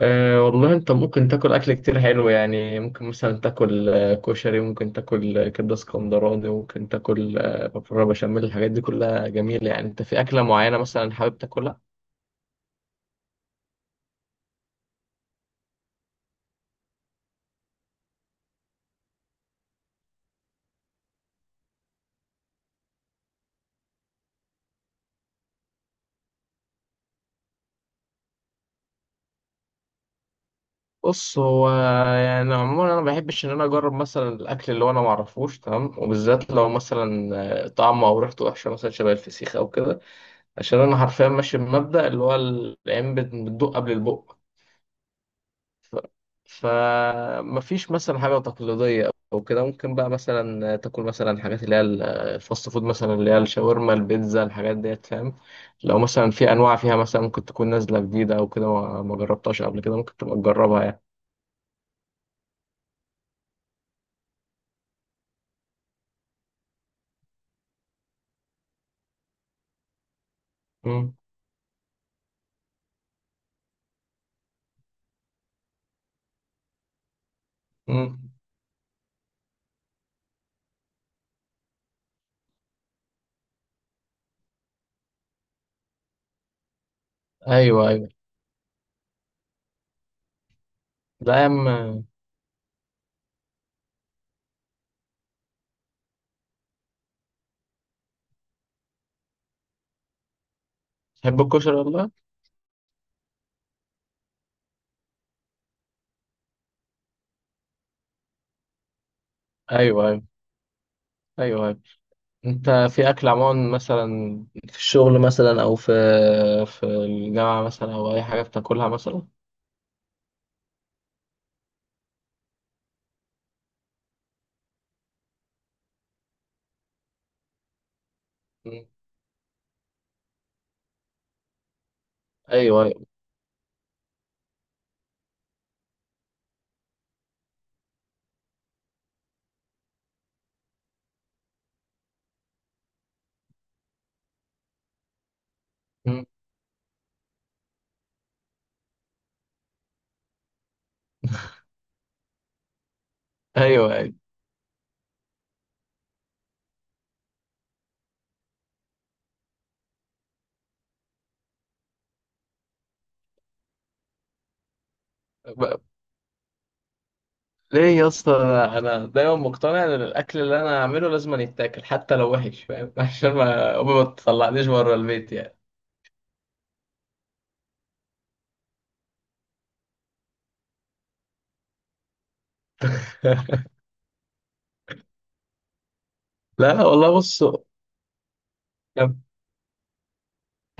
والله انت ممكن تاكل اكل كتير حلو، يعني ممكن مثلا تاكل كشري، ممكن تاكل كبده اسكندراني، ممكن تاكل مكرونه بشاميل. الحاجات دي كلها جميله، يعني انت في اكله معينه مثلا حابب تاكلها؟ بص هو، يعني عموما انا ما بحبش ان انا اجرب مثلا الاكل اللي هو انا ما اعرفوش تمام، وبالذات لو مثلا طعمه او ريحته وحشه، مثلا شبه الفسيخ او كده. عشان انا حرفيا ماشي بمبدأ اللي هو العين بتدوق قبل البق. ف... فمفيش مثلا حاجة تقليدية أو كده. ممكن بقى مثلا تاكل مثلا حاجات اللي هي الفاست فود، مثلا اللي هي الشاورما البيتزا، الحاجات ديت فاهم. لو مثلا في أنواع فيها مثلا ممكن تكون نازلة جديدة أو كده ما جربتهاش قبل كده، ممكن تبقى تجربها يعني. مم. مم. أيوه أيوه. لا يا عم. تحب الكشري والله. أيوه أيوه. أيوه أيوه. أنت في أكل عموما، مثلا في الشغل مثلا أو في الجامعة مثلا أو أي حاجة بتاكلها مثلا؟ مم. أيوه أيوه. ايوه ايوه. ب- ليه يا اسطى؟ أنا دايما مقتنع ان الاكل اللي انا هعمله لازم يتاكل، حتى لو وحش فاهم عشان ما امي ما تطلعنيش بره البيت يعني. لا والله بص. تحب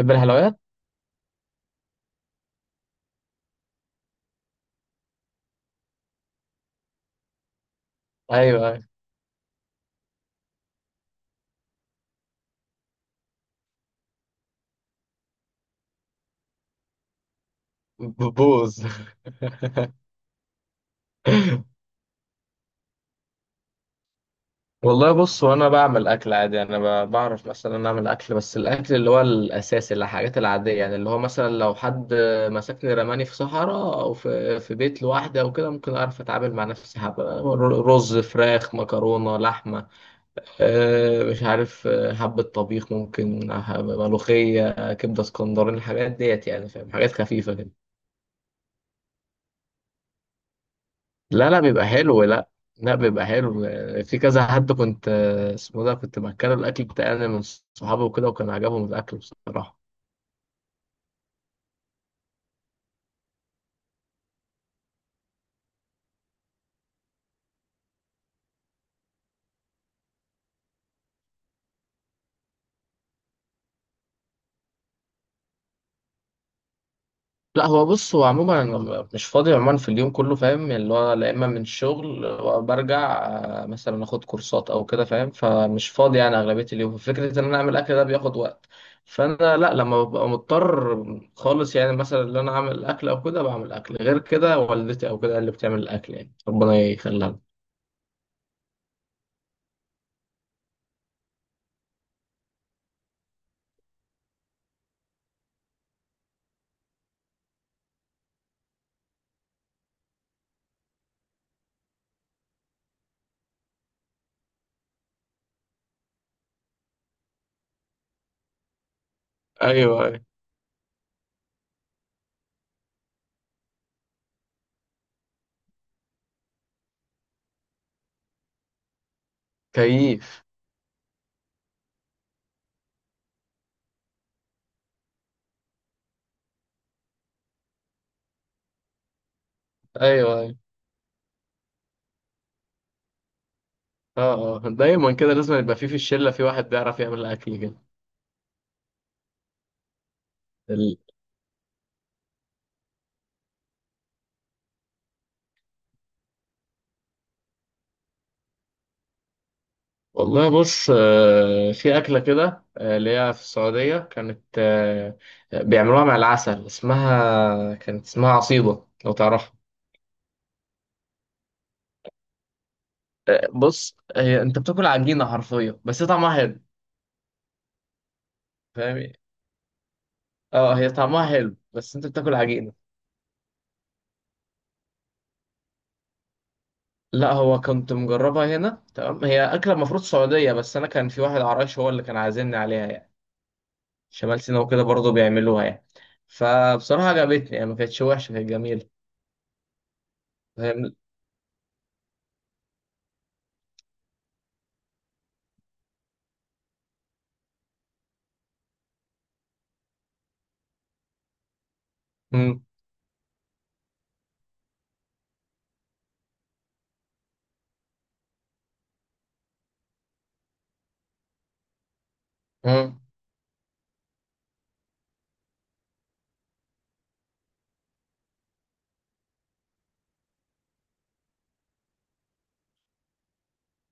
الحلويات. ايوه أيوة. بتبوظ والله بص، وانا بعمل اكل عادي. انا بعرف مثلا اعمل اكل، بس الاكل اللي هو الاساسي، اللي الحاجات العاديه، يعني اللي هو مثلا لو حد مسكني رماني في صحراء، او في بيت لوحدي او كده، ممكن اعرف اتعامل مع نفسي. حبه رز فراخ مكرونه لحمه، مش عارف، حبه طبيخ ممكن، ملوخيه، كبده اسكندراني، الحاجات ديت يعني فاهم. حاجات خفيفه كده. لا لا، بيبقى حلو. لا، لا بيبقى حلو. في كذا حد كنت اسمه ده كنت مأكله الأكل بتاعي أنا من صحابي وكده، وكان عجبهم الأكل بصراحة. لا هو بص، هو عموما أنا مش فاضي عموما في اليوم كله فاهم، اللي هو لا، إما من الشغل برجع مثلا آخد كورسات أو كده فاهم، فمش فاضي يعني أغلبية اليوم. فكرة إن أنا أعمل أكل ده بياخد وقت، فأنا لا، لما ببقى مضطر خالص يعني مثلا إن أنا أعمل أكل أو كده بعمل أكل، غير كده والدتي أو كده اللي بتعمل الأكل، يعني ربنا يخليها لنا. ايوه. كيف؟ ايوه ايوه. اه اه. دايما كده لازم يبقى في الشله في واحد بيعرف يعمل اكل كده. ال- والله بص، في اكله كده اللي هي في السعوديه كانت بيعملوها مع العسل، اسمها كانت اسمها عصيده لو تعرفها. بص هي انت بتاكل عجينه حرفيا، بس هي طعمها حلو. فاهمني. اه هي طعمها حلو بس انت بتاكل عجينه. لا هو كنت مجربها هنا، تمام. هي اكله المفروض سعوديه، بس انا كان في واحد عرايش هو اللي كان عازمني عليها يعني. شمال سيناء وكده برضه بيعملوها يعني، فبصراحة عجبتني يعني، ما كانتش وحشة، كانت جميلة. فاهم. مم. مم.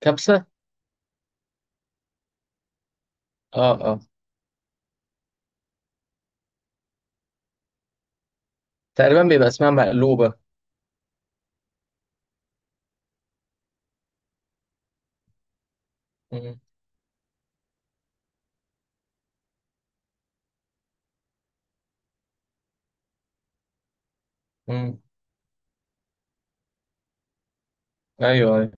كبسة. اه اه. تقريبا بيبقى اسمها مقلوبة. مم. مم. ايوه ايوه.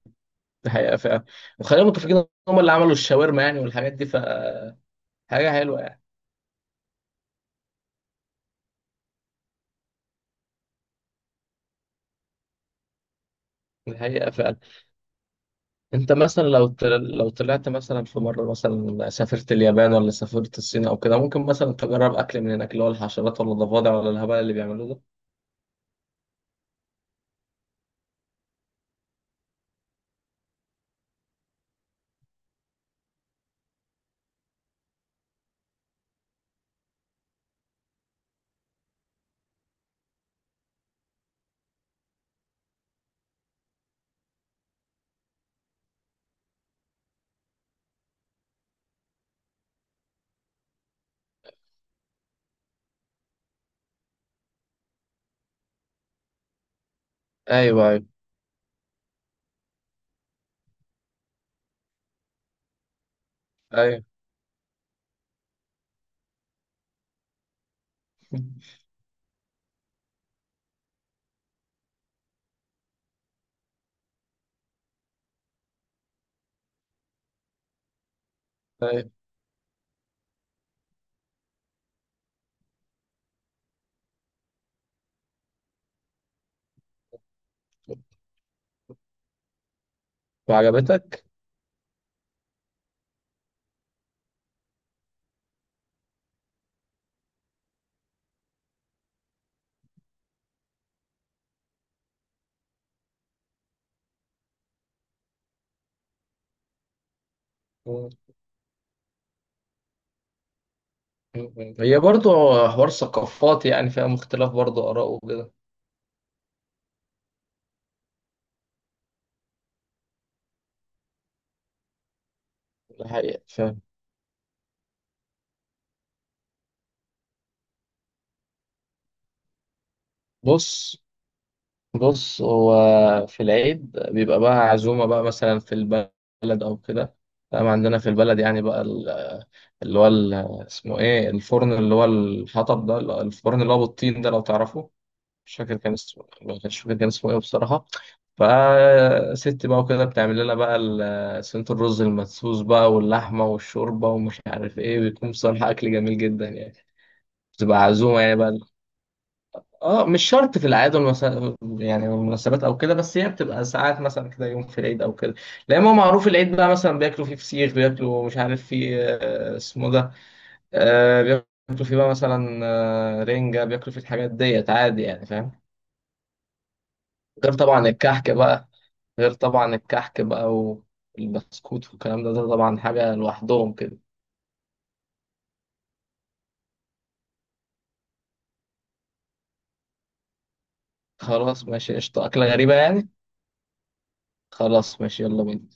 دي حقيقة فعلا. وخلينا متفقين ان هم اللي عملوا الشاورما يعني والحاجات دي، فحاجة حلوة يعني. دي حقيقة فعلا. انت مثلا لو لو طلعت مثلا في مرة، مثلا سافرت اليابان ولا سافرت الصين او كده، ممكن مثلا تجرب اكل من هناك اللي هو الحشرات ولا الضفادع ولا الهبل اللي بيعملوه ده؟ ايوه ايوه ايوه وعجبتك؟ مم. مم. هي برضو حوار ثقافات يعني، فيها اختلاف برضو آراء وكده. الحقيقة فاهم. بص. بص هو، في العيد بيبقى بقى عزومة بقى، مثلا في البلد أو كده فاهم. عندنا في البلد يعني بقى اللي هو اسمه إيه الفرن، اللي هو الحطب ده، الفرن اللي هو بالطين ده لو تعرفه. مش فاكر كان اسمه مش فاكر كان اسمه ايه بصراحة. فست بقى وكده، بتعمل لنا بقى صينية الرز المدسوس بقى واللحمة والشوربة ومش عارف ايه، بيكون بصراحة أكل جميل جدا يعني. بتبقى عزومة يعني بقى. اه، مش شرط في الأعياد يعني والمناسبات أو كده، بس هي بتبقى ساعات مثلا كده يوم في العيد أو كده. لأن هو معروف العيد بقى مثلا بياكلوا فيه فسيخ، بياكلوا مش عارف فيه اسمه ده، بياكلوا فيه بقى مثلا رنجة، بياكلوا فيه الحاجات ديت عادي يعني فاهم. غير طبعا الكحك بقى غير طبعا الكحك بقى والبسكوت والكلام ده، ده طبعا حاجة لوحدهم كده. خلاص ماشي قشطة، أكلة غريبة يعني. خلاص ماشي، يلا بينا.